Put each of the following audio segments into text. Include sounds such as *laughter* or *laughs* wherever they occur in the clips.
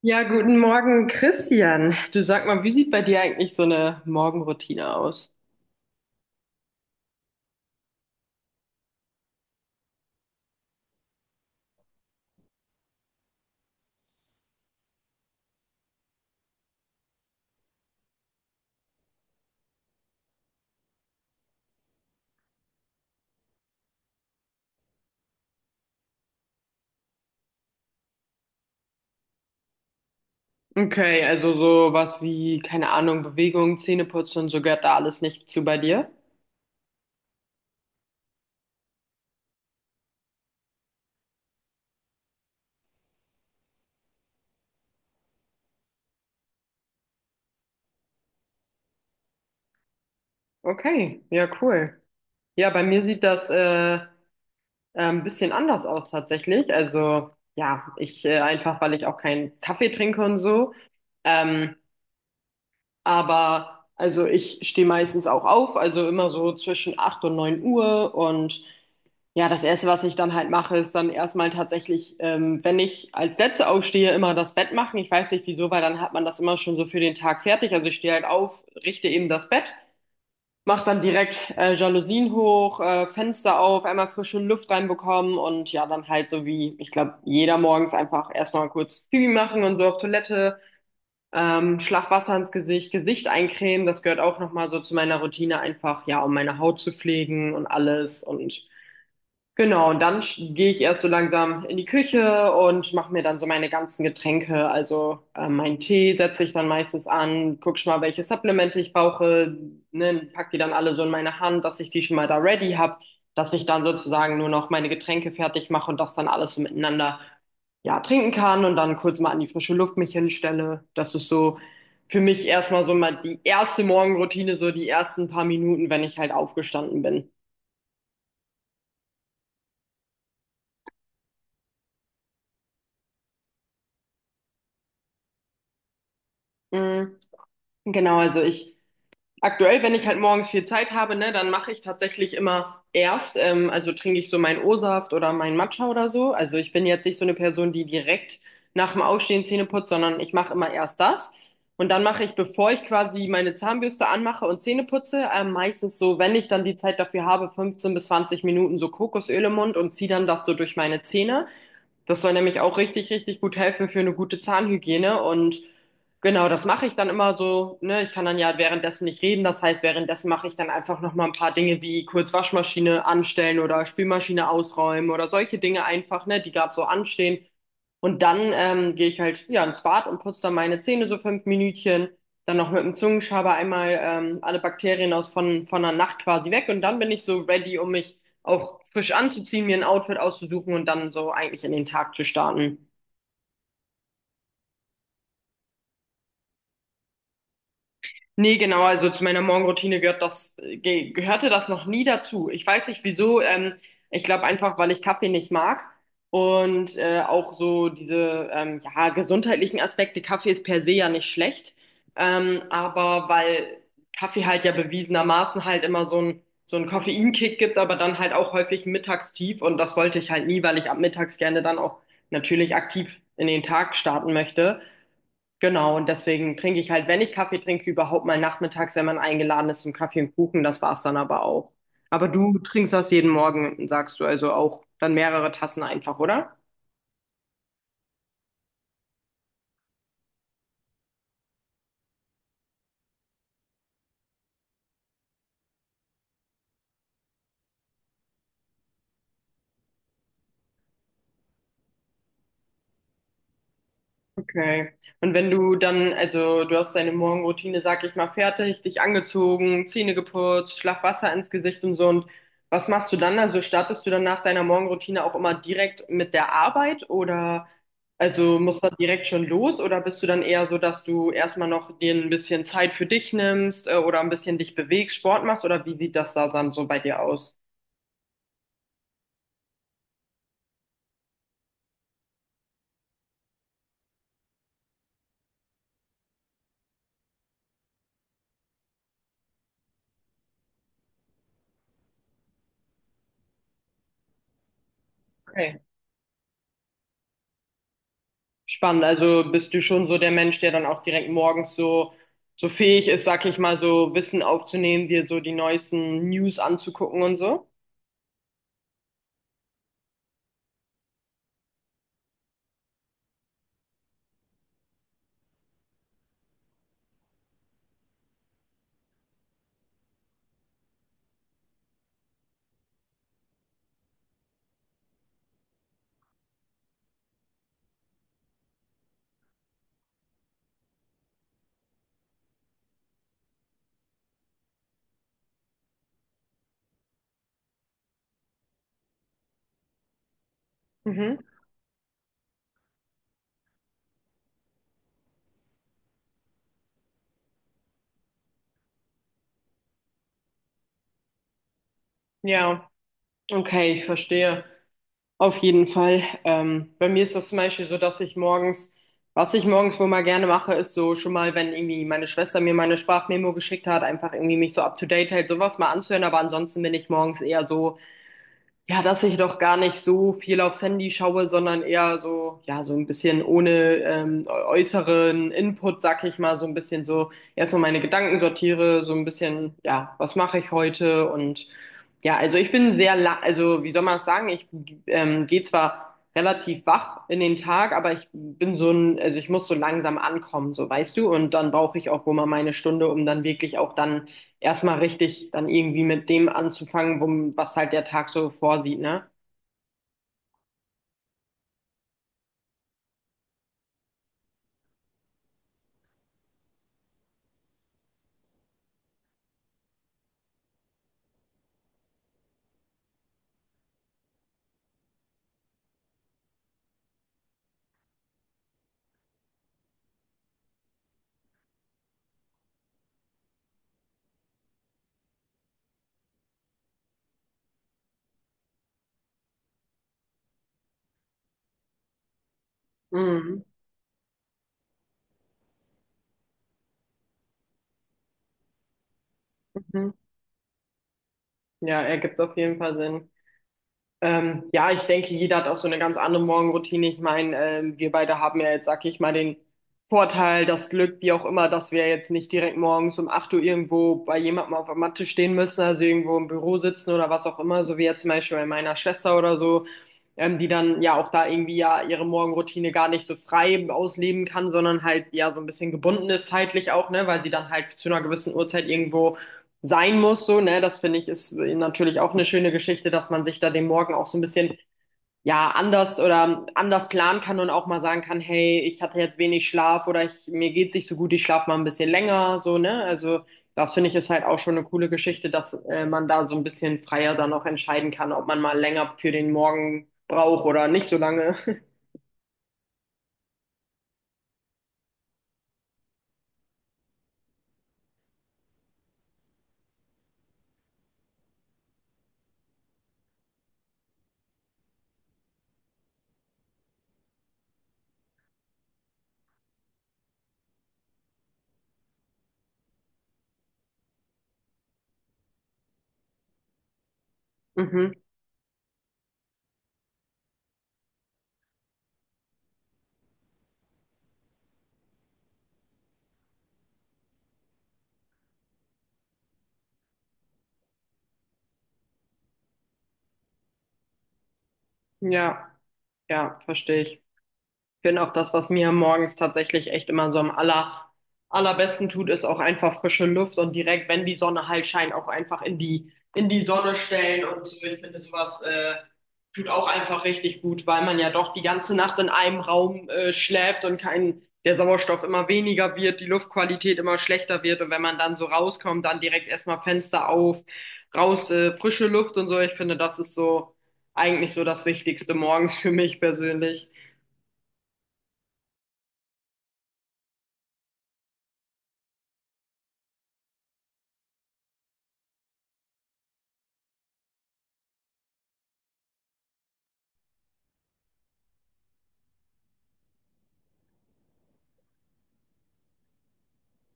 Ja, guten Morgen, Christian. Du sag mal, wie sieht bei dir eigentlich so eine Morgenroutine aus? Okay, also so was wie, keine Ahnung, Bewegung, Zähneputzen, so gehört da alles nicht zu bei dir? Okay, ja, cool. Ja, bei mir sieht das ein bisschen anders aus tatsächlich. Also ja, ich einfach, weil ich auch keinen Kaffee trinke und so. Ähm, aber also ich stehe meistens auch auf, also immer so zwischen 8 und 9 Uhr und ja, das Erste, was ich dann halt mache, ist dann erstmal tatsächlich, wenn ich als Letzte aufstehe, immer das Bett machen. Ich weiß nicht wieso, weil dann hat man das immer schon so für den Tag fertig. Also ich stehe halt auf, richte eben das Bett, mache dann direkt Jalousien hoch, Fenster auf, einmal frische Luft reinbekommen und ja, dann halt so wie, ich glaube, jeder morgens einfach erstmal kurz Pipi machen und so auf Toilette, Schlag Wasser ins Gesicht, Gesicht eincremen. Das gehört auch nochmal so zu meiner Routine einfach, ja, um meine Haut zu pflegen und alles. Und genau, und dann gehe ich erst so langsam in die Küche und mache mir dann so meine ganzen Getränke. Also meinen Tee setze ich dann meistens an, guck schon mal, welche Supplemente ich brauche, ne, pack die dann alle so in meine Hand, dass ich die schon mal da ready habe, dass ich dann sozusagen nur noch meine Getränke fertig mache und das dann alles so miteinander, ja, trinken kann und dann kurz mal an die frische Luft mich hinstelle. Das ist so für mich erstmal so mal die erste Morgenroutine, so die ersten paar Minuten, wenn ich halt aufgestanden bin. Mm, genau, also ich aktuell, wenn ich halt morgens viel Zeit habe, ne, dann mache ich tatsächlich immer erst, also trinke ich so meinen O-Saft oder meinen Matcha oder so. Also ich bin jetzt nicht so eine Person, die direkt nach dem Aufstehen Zähne putzt, sondern ich mache immer erst das. Und dann mache ich, bevor ich quasi meine Zahnbürste anmache und Zähne putze, meistens so, wenn ich dann die Zeit dafür habe, 15 bis 20 Minuten so Kokosöl im Mund und ziehe dann das so durch meine Zähne. Das soll nämlich auch richtig, richtig gut helfen für eine gute Zahnhygiene. Und genau, das mache ich dann immer so. Ne? Ich kann dann ja währenddessen nicht reden. Das heißt, währenddessen mache ich dann einfach nochmal ein paar Dinge, wie kurz Waschmaschine anstellen oder Spülmaschine ausräumen oder solche Dinge einfach, ne, die gerade so anstehen. Und dann gehe ich halt ja ins Bad und putze dann meine Zähne so fünf Minütchen. Dann noch mit dem Zungenschaber einmal alle Bakterien aus von der Nacht quasi weg. Und dann bin ich so ready, um mich auch frisch anzuziehen, mir ein Outfit auszusuchen und dann so eigentlich in den Tag zu starten. Nee, genau, also zu meiner Morgenroutine gehört das, ge gehörte das noch nie dazu. Ich weiß nicht wieso, ich glaube einfach, weil ich Kaffee nicht mag und auch so diese, ja, gesundheitlichen Aspekte. Kaffee ist per se ja nicht schlecht, aber weil Kaffee halt ja bewiesenermaßen halt immer so einen Koffeinkick gibt, aber dann halt auch häufig ein Mittagstief, und das wollte ich halt nie, weil ich ab mittags gerne dann auch natürlich aktiv in den Tag starten möchte. Genau, und deswegen trinke ich halt, wenn ich Kaffee trinke, überhaupt mal nachmittags, wenn man eingeladen ist zum Kaffee und Kuchen, das war's dann aber auch. Aber du trinkst das jeden Morgen, sagst du, also auch dann mehrere Tassen einfach, oder? Okay. Und wenn du dann, also du hast deine Morgenroutine, sag ich mal, fertig, dich angezogen, Zähne geputzt, Schlag Wasser ins Gesicht und so. Und was machst du dann? Also startest du dann nach deiner Morgenroutine auch immer direkt mit der Arbeit oder, also musst du direkt schon los oder bist du dann eher so, dass du erstmal noch dir ein bisschen Zeit für dich nimmst, oder ein bisschen dich bewegst, Sport machst, oder wie sieht das da dann so bei dir aus? Okay. Spannend. Also bist du schon so der Mensch, der dann auch direkt morgens so, so fähig ist, sag ich mal, so Wissen aufzunehmen, dir so die neuesten News anzugucken und so? Mhm. Ja, okay, ich verstehe. Auf jeden Fall. Bei mir ist das zum Beispiel so, dass ich morgens, was ich morgens wohl mal gerne mache, ist so schon mal, wenn irgendwie meine Schwester mir meine Sprachmemo geschickt hat, einfach irgendwie mich so up to date hält, sowas mal anzuhören. Aber ansonsten bin ich morgens eher so, ja, dass ich doch gar nicht so viel aufs Handy schaue, sondern eher so, ja, so ein bisschen ohne äußeren Input, sag ich mal, so ein bisschen so erstmal meine Gedanken sortiere, so ein bisschen, ja, was mache ich heute, und ja, also ich bin sehr, la also wie soll man es sagen, ich gehe zwar relativ wach in den Tag, aber ich bin so ein, also ich muss so langsam ankommen, so, weißt du, und dann brauche ich auch wohl mal meine Stunde, um dann wirklich auch dann erstmal richtig dann irgendwie mit dem anzufangen, wo, was halt der Tag so vorsieht, ne? Mhm. Mhm. Ja, ergibt auf jeden Fall Sinn. Ja, ich denke, jeder hat auch so eine ganz andere Morgenroutine. Ich meine, wir beide haben ja jetzt, sag ich mal, den Vorteil, das Glück, wie auch immer, dass wir jetzt nicht direkt morgens um 8 Uhr irgendwo bei jemandem auf der Matte stehen müssen, also irgendwo im Büro sitzen oder was auch immer, so wie jetzt zum Beispiel bei meiner Schwester oder so, die dann ja auch da irgendwie ja ihre Morgenroutine gar nicht so frei ausleben kann, sondern halt ja so ein bisschen gebunden ist zeitlich auch, ne, weil sie dann halt zu einer gewissen Uhrzeit irgendwo sein muss, so, ne, das finde ich ist natürlich auch eine schöne Geschichte, dass man sich da den Morgen auch so ein bisschen, ja, anders oder anders planen kann und auch mal sagen kann, hey, ich hatte jetzt wenig Schlaf oder ich, mir geht's nicht so gut, ich schlafe mal ein bisschen länger, so, ne, also das finde ich ist halt auch schon eine coole Geschichte, dass man da so ein bisschen freier dann auch entscheiden kann, ob man mal länger für den Morgen braucht oder nicht so lange. *laughs* Mhm. Ja, ja, verstehe ich. Ich finde auch das, was mir morgens tatsächlich echt immer so am allerbesten tut, ist auch einfach frische Luft und direkt, wenn die Sonne halt scheint, auch einfach in die Sonne stellen und so. Ich finde sowas, tut auch einfach richtig gut, weil man ja doch die ganze Nacht in einem Raum, schläft und kein, der Sauerstoff immer weniger wird, die Luftqualität immer schlechter wird, und wenn man dann so rauskommt, dann direkt erstmal Fenster auf, raus, frische Luft und so. Ich finde, das ist so eigentlich so das Wichtigste morgens für mich persönlich.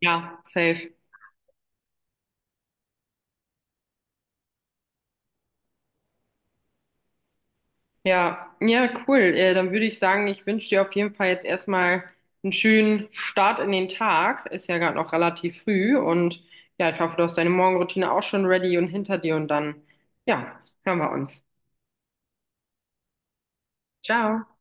Ja, safe. Ja, ja, cool. Dann würde ich sagen, ich wünsche dir auf jeden Fall jetzt erstmal einen schönen Start in den Tag. Ist ja gerade noch relativ früh, und ja, ich hoffe, du hast deine Morgenroutine auch schon ready und hinter dir, und dann, ja, hören wir uns. Ciao.